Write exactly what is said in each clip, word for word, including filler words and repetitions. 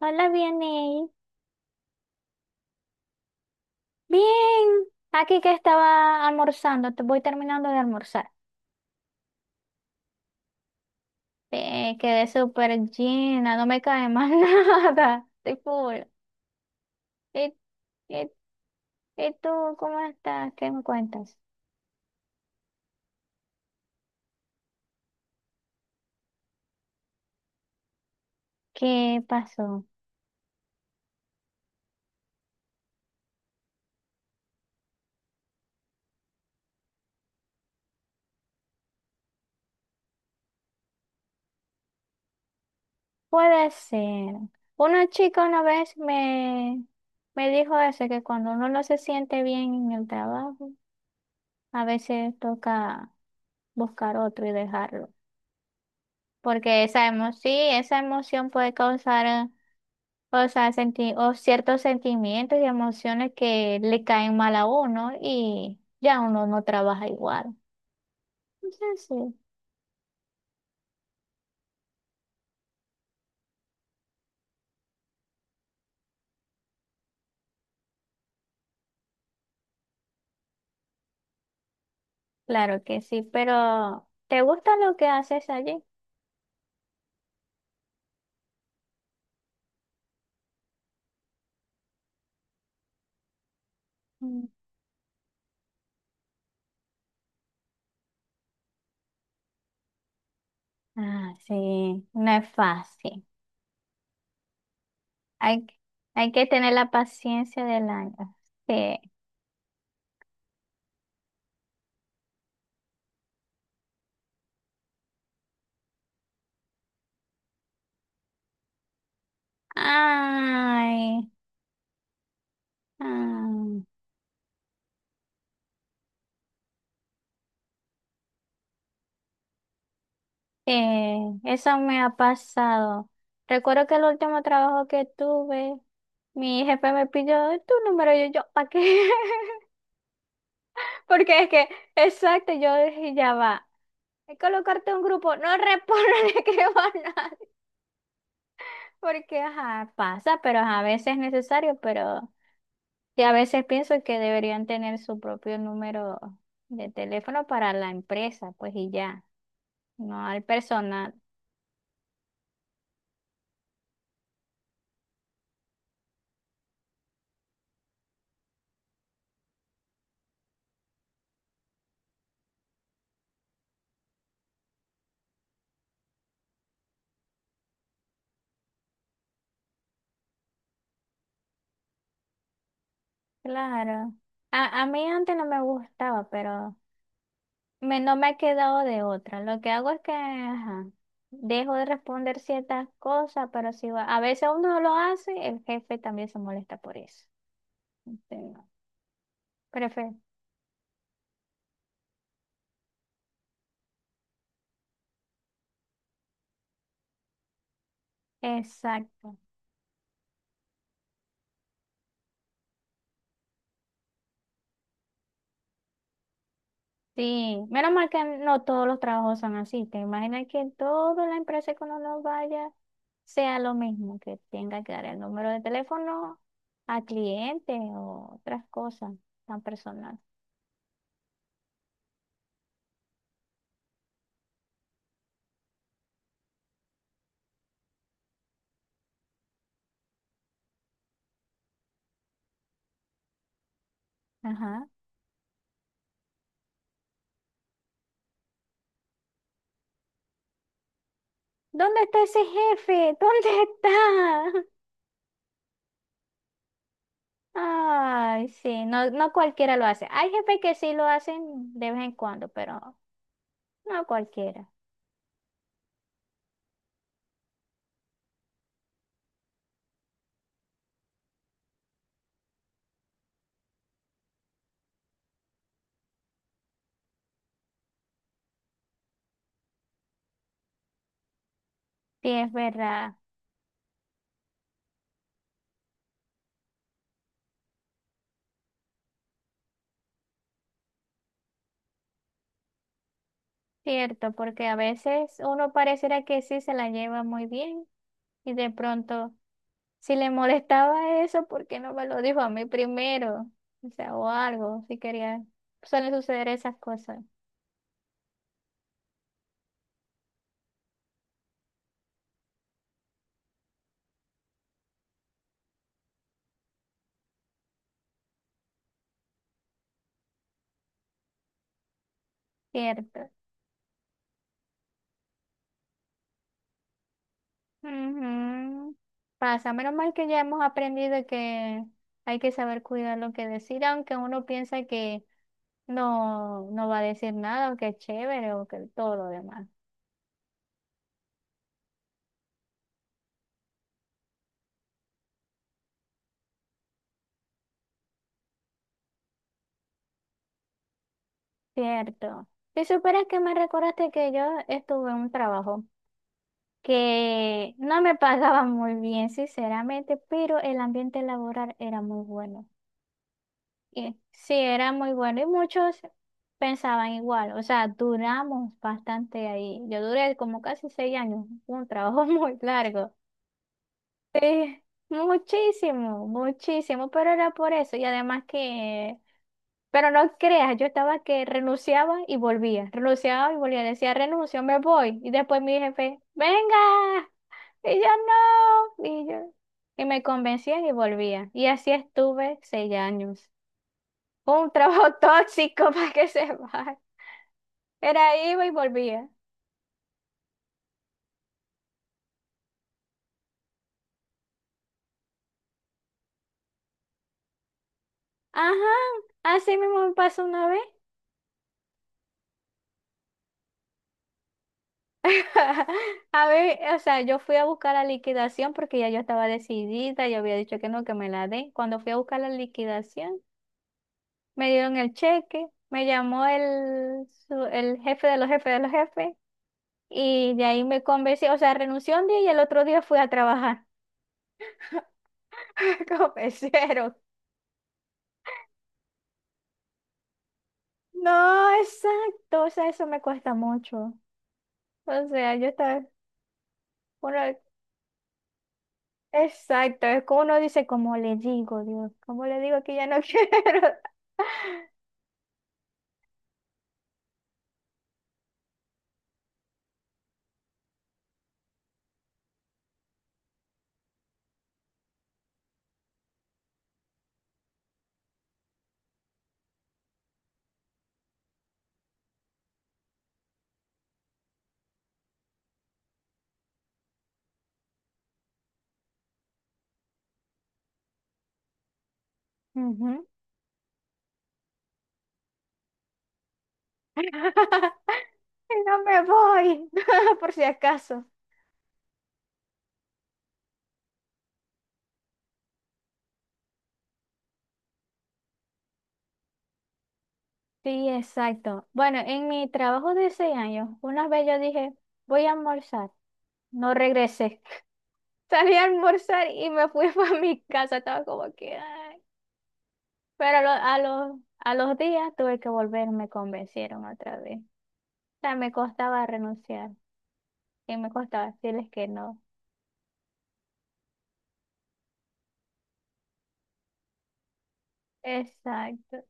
Hola, bien, Ney. Bien, aquí que estaba almorzando, te voy terminando de almorzar. Eh, quedé súper llena, no me cae más nada, estoy full. ¿Y, y- y tú cómo estás? ¿Qué me cuentas? ¿Qué pasó? Puede ser. Una chica una vez me, me dijo eso, que cuando uno no se siente bien en el trabajo, a veces toca buscar otro y dejarlo. Porque esa emoción, sí, esa emoción puede causar... eh, O sea, senti- o ciertos sentimientos y emociones que le caen mal a uno y ya uno no trabaja igual. Entonces, sí, claro que sí, pero ¿te gusta lo que haces allí? Mm. Ah, sí, no es fácil. Hay, que- hay que tener la paciencia del año. Sí. Ay, ay, sí, eso me ha pasado. Recuerdo que el último trabajo que tuve. Mi jefe me pidió tu número y yo, ¿para qué? Porque es que, exacto, yo dije, ya va. Hay que colocarte un grupo, no respondo, ni escribo a nadie. Porque, ajá, pasa, pero ajá, a veces es necesario, pero y a veces pienso que deberían tener su propio número de teléfono para la empresa, pues y ya, no al personal. Claro. A, a mí antes no me gustaba, pero Me, no me ha quedado de otra. Lo que hago es que ajá, dejo de responder ciertas cosas, pero si va- a veces uno lo hace, el jefe también se molesta por eso. Entonces, prefe- exacto. Sí, menos mal que no todos los trabajos son así. Te imaginas que en toda la empresa que uno no vaya sea lo mismo, que tenga que dar el número de teléfono a clientes o otras cosas tan personales. Ajá. ¿Dónde está ese jefe? ¿Dónde está? Ay, sí, no, no cualquiera lo hace. Hay jefes que sí lo hacen de vez en cuando, pero no cualquiera. Sí, es verdad, cierto, porque a veces uno pareciera que sí se la lleva muy bien y de pronto, si le molestaba eso, ¿por qué no me lo dijo a mí primero? O sea, o algo, si quería. Suelen suceder esas cosas, cierto. Ujú. Pasa, menos mal que ya hemos aprendido que hay que saber cuidar lo que decir, aunque uno piensa que no, no va a decir nada, aunque es chévere o que todo lo demás. Cierto. Si supieras que me recordaste que yo estuve en un trabajo que no me pagaba muy bien, sinceramente, pero el ambiente laboral era muy bueno. Y, sí, era muy bueno y muchos pensaban igual. O sea, duramos bastante ahí. Yo duré como casi seis años, un trabajo muy largo. Sí, muchísimo, muchísimo, pero era por eso. Y además que... Pero no creas, yo estaba que renunciaba y volvía, renunciaba y volvía, decía renuncio, me voy. Y después mi jefe, venga, y yo no, y yo, y me convencía y volvía. Y así estuve seis años. Fue un trabajo tóxico para que se vaya. Era iba y volvía. Ajá, así mismo me pasó una vez. A ver, o sea, yo fui a buscar la liquidación porque ya yo estaba decidida, yo había dicho que no, que me la den. Cuando fui a buscar la liquidación, me dieron el cheque, me llamó el, su- el jefe de los jefes de los jefes y de ahí me convencí, o sea, renuncié un día y el otro día fui a trabajar como mesero. No, exacto, o sea, eso me cuesta mucho. O sea, yo estaba, uno, exacto, es como uno dice, como le digo, Dios, como le digo que ya no quiero. Ujú. Y no me voy, por si acaso. Sí, exacto. Bueno, en mi trabajo de seis años, una vez yo dije, voy a almorzar. No regresé. Salí a almorzar y me fui para mi casa. Estaba como que, ay. Pero a lo- a los, a los días tuve que volver, me convencieron otra vez. O sea, me costaba renunciar y me costaba decirles que no. Exacto.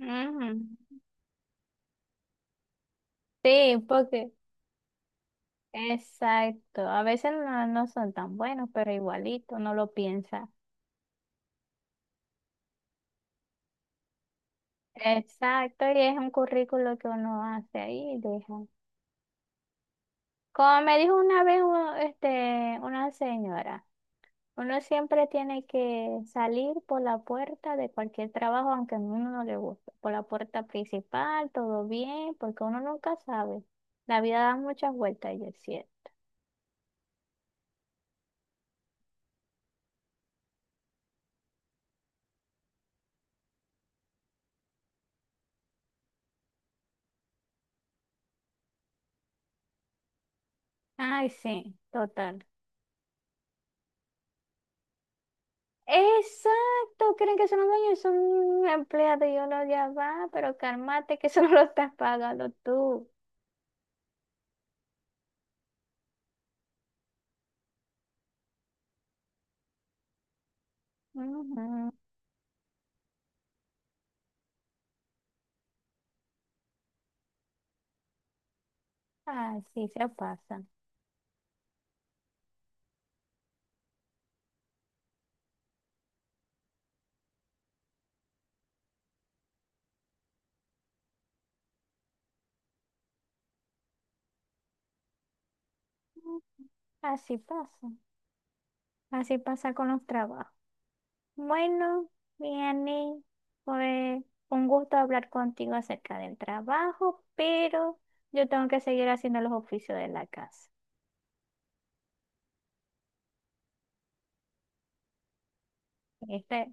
Ujú. Sí, porque, exacto. A veces no, no son tan buenos, pero igualito, no lo piensa. Exacto, y es un currículo que uno hace ahí y deja. Como me dijo una vez u- este, una señora, uno siempre tiene que salir por la puerta de cualquier trabajo, aunque a uno no le guste, por la puerta principal, todo bien, porque uno nunca sabe. La vida da muchas vueltas y es cierto. Ay, sí, total. Exacto, creen que son los dueños, son un empleado y uno ya va, pero cálmate que eso no lo estás pagando tú. Ujú. Así se pasa. Así pasa. Así pasa con los trabajos. Bueno, Vianney, fue un gusto hablar contigo acerca del trabajo, pero yo tengo que seguir haciendo los oficios de la casa. ¿Viste?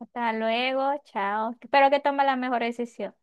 Hasta luego, chao. Espero que tome la mejor decisión.